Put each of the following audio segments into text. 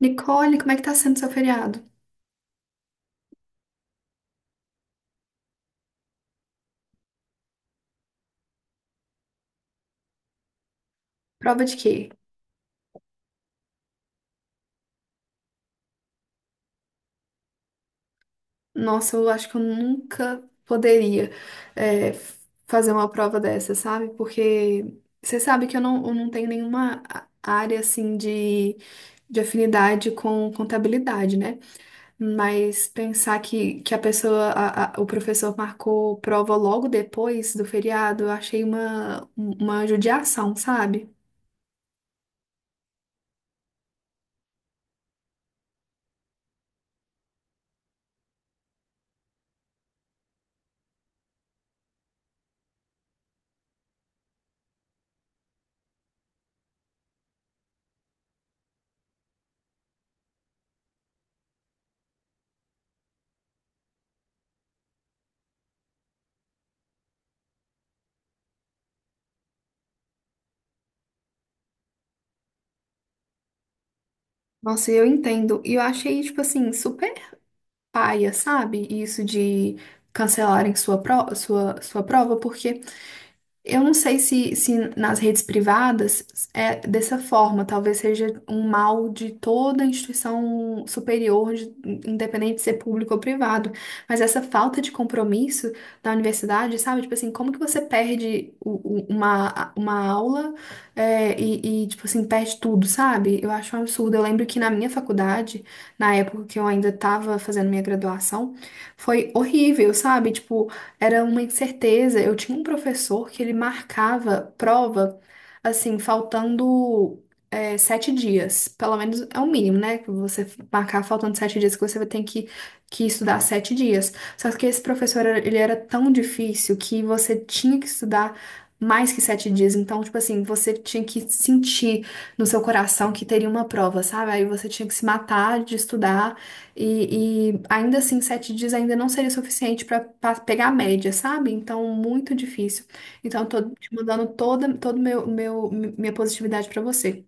Nicole, como é que tá sendo seu feriado? Prova de quê? Nossa, eu acho que eu nunca poderia é, f- fazer uma prova dessa, sabe? Porque você sabe que eu não tenho nenhuma área assim de afinidade com contabilidade, né? Mas pensar que a pessoa, a- o professor marcou prova logo depois do feriado, eu achei uma judiação, sabe? Nossa, eu entendo. E eu achei, tipo assim, super paia, sabe? Isso de cancelarem sua prova, porque. Eu não sei se nas redes privadas é dessa forma, talvez seja um mal de toda instituição superior, independente de ser público ou privado, mas essa falta de compromisso da universidade, sabe? Tipo assim, como que você perde uma aula e, tipo assim, perde tudo, sabe? Eu acho um absurdo. Eu lembro que na minha faculdade, na época que eu ainda estava fazendo minha graduação, foi horrível, sabe? Tipo, era uma incerteza. Eu tinha um professor que ele marcava prova, assim, faltando 7 dias. Pelo menos é o mínimo, né? Que você marcar faltando 7 dias, que você vai ter que estudar 7 dias. Só que esse professor, ele era tão difícil que você tinha que estudar mais que 7 dias. Então, tipo assim, você tinha que sentir no seu coração que teria uma prova, sabe? Aí você tinha que se matar de estudar. E ainda assim, 7 dias ainda não seria suficiente para pegar a média, sabe? Então, muito difícil. Então, eu tô te mandando toda, todo meu, meu, minha positividade pra você.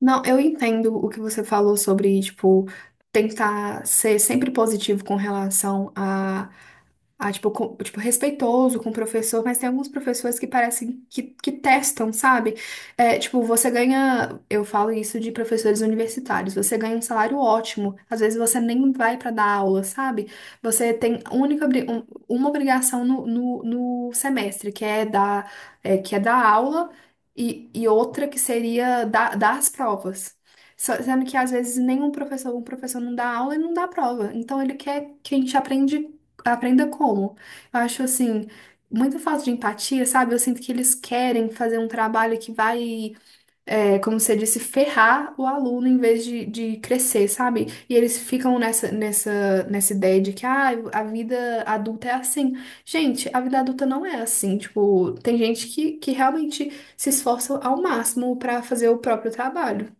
Não, eu entendo o que você falou sobre, tipo, tentar ser sempre positivo com relação a tipo, respeitoso com o professor, mas tem alguns professores que parecem que testam, sabe? Tipo, você ganha, eu falo isso de professores universitários, você ganha um salário ótimo, às vezes você nem vai pra dar aula, sabe? Você tem única, uma obrigação no semestre, que é dar aula e outra que seria dar as provas. Sendo que às vezes nenhum professor, um professor não dá aula e não dá prova. Então ele quer que a gente aprende Aprenda como. Eu acho assim, muita falta de empatia, sabe? Eu sinto que eles querem fazer um trabalho que vai, como você disse, ferrar o aluno em vez de crescer, sabe? E eles ficam nessa ideia de que a vida adulta é assim. Gente, a vida adulta não é assim. Tipo, tem gente que realmente se esforça ao máximo para fazer o próprio trabalho.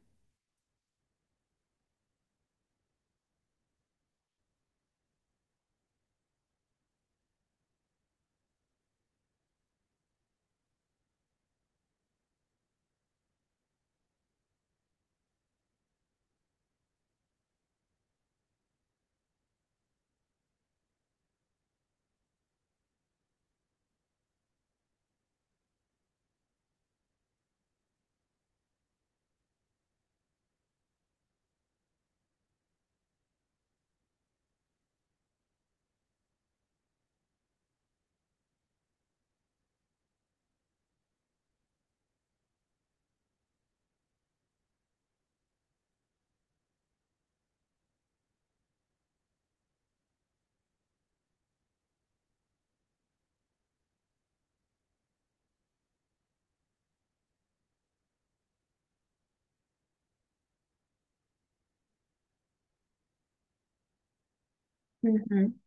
Uhum.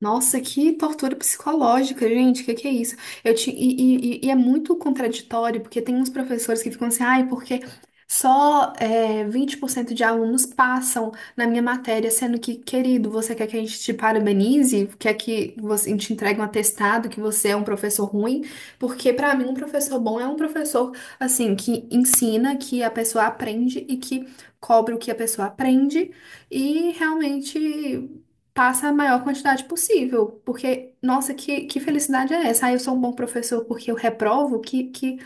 Nossa, que tortura psicológica, gente. O que que é isso? Eu te, e é muito contraditório, porque tem uns professores que ficam assim, ai, porque só 20% de alunos passam na minha matéria, sendo que, querido, você quer que a gente te parabenize? Quer que você, a gente entregue um atestado que você é um professor ruim? Porque, pra mim, um professor bom é um professor, assim, que ensina, que a pessoa aprende e que cobra o que a pessoa aprende e realmente passa a maior quantidade possível, porque, nossa, que felicidade é essa? Ah, eu sou um bom professor porque eu reprovo? Que, que,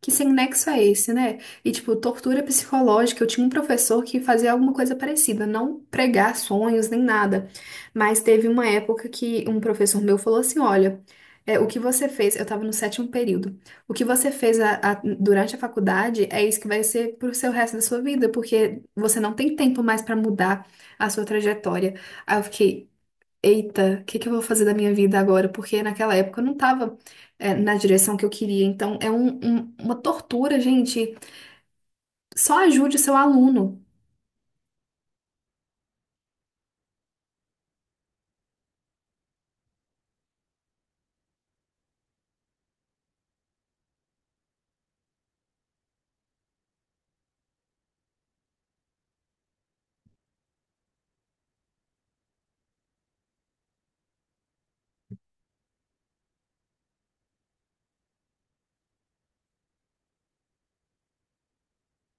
que sem nexo é esse, né? E, tipo, tortura psicológica, eu tinha um professor que fazia alguma coisa parecida, não pregar sonhos nem nada, mas teve uma época que um professor meu falou assim, olha... o que você fez, eu tava no sétimo período. O que você fez durante a faculdade é isso que vai ser pro seu resto da sua vida, porque você não tem tempo mais pra mudar a sua trajetória. Aí eu fiquei, eita, o que que eu vou fazer da minha vida agora? Porque naquela época eu não tava, na direção que eu queria. Então é uma tortura, gente. Só ajude seu aluno.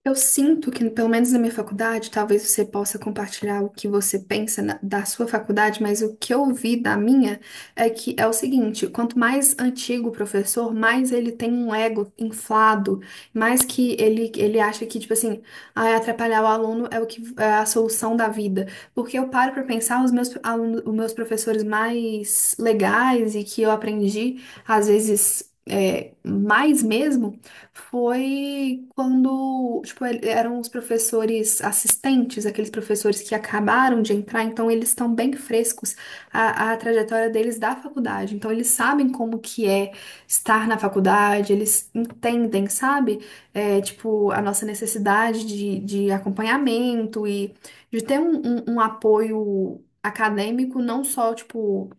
Eu sinto que, pelo menos na minha faculdade, talvez você possa compartilhar o que você pensa da sua faculdade, mas o que eu vi da minha é que é o seguinte: quanto mais antigo o professor, mais ele tem um ego inflado, mais que ele acha que, tipo assim, atrapalhar o aluno é o que é a solução da vida. Porque eu paro para pensar, os meus alunos, os meus professores mais legais e que eu aprendi, às vezes, mais mesmo foi quando, tipo, eram os professores assistentes, aqueles professores que acabaram de entrar, então eles estão bem frescos a trajetória deles da faculdade. Então eles sabem como que é estar na faculdade, eles entendem, sabe? Tipo, a nossa necessidade de acompanhamento e de ter um apoio acadêmico, não só, tipo,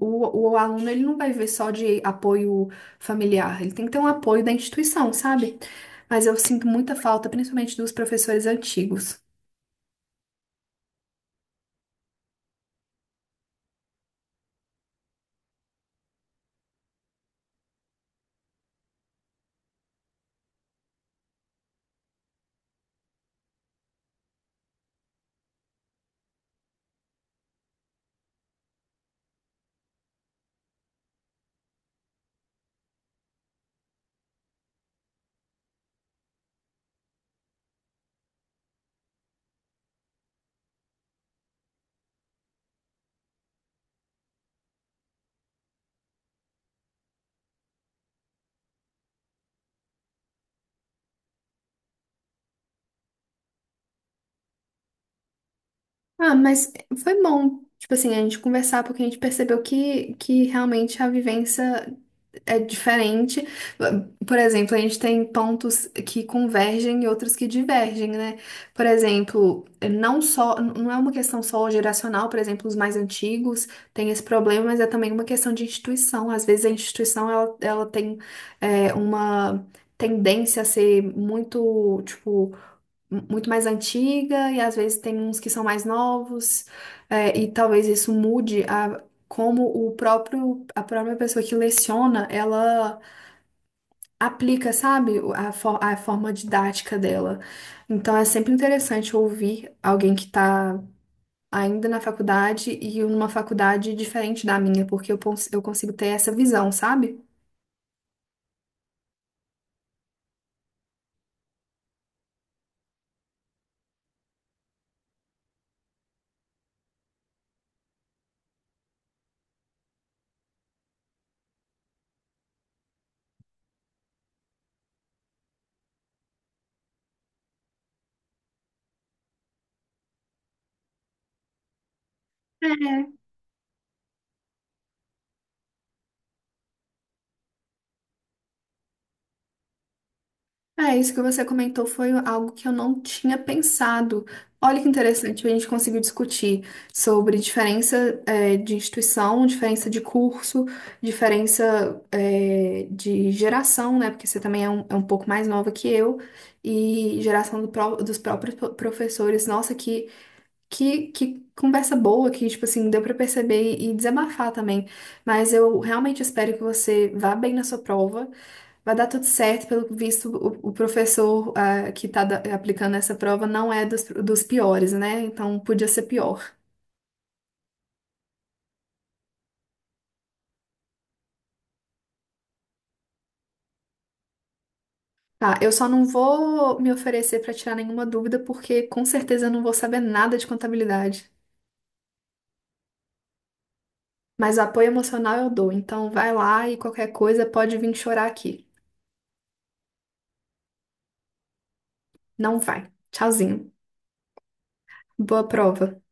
o aluno ele não vai ver só de apoio familiar, ele tem que ter um apoio da instituição, sabe? Mas eu sinto muita falta, principalmente dos professores antigos. Ah, mas foi bom, tipo assim, a gente conversar, porque a gente percebeu que realmente a vivência é diferente. Por exemplo, a gente tem pontos que convergem e outros que divergem, né? Por exemplo, não só, não é uma questão só geracional, por exemplo, os mais antigos têm esse problema, mas é também uma questão de instituição. Às vezes a instituição ela tem uma tendência a ser muito, tipo, muito mais antiga e às vezes tem uns que são mais novos, e talvez isso mude a como o próprio, a própria pessoa que leciona, ela aplica, sabe, a forma didática dela. Então é sempre interessante ouvir alguém que está ainda na faculdade e numa faculdade diferente da minha, porque eu consigo ter essa visão, sabe? É, isso que você comentou foi algo que eu não tinha pensado. Olha que interessante, a gente conseguiu discutir sobre diferença, de instituição, diferença de curso, diferença, de geração, né? Porque você também é um pouco mais nova que eu, e geração dos próprios professores. Nossa, que conversa boa, que, tipo assim, deu pra perceber e desabafar também. Mas eu realmente espero que você vá bem na sua prova. Vai dar tudo certo, pelo visto, o professor que está aplicando essa prova não é dos piores, né? Então podia ser pior. Tá, eu só não vou me oferecer para tirar nenhuma dúvida, porque com certeza eu não vou saber nada de contabilidade. Mas o apoio emocional eu dou, então vai lá e qualquer coisa pode vir chorar aqui. Não vai. Tchauzinho. Boa prova.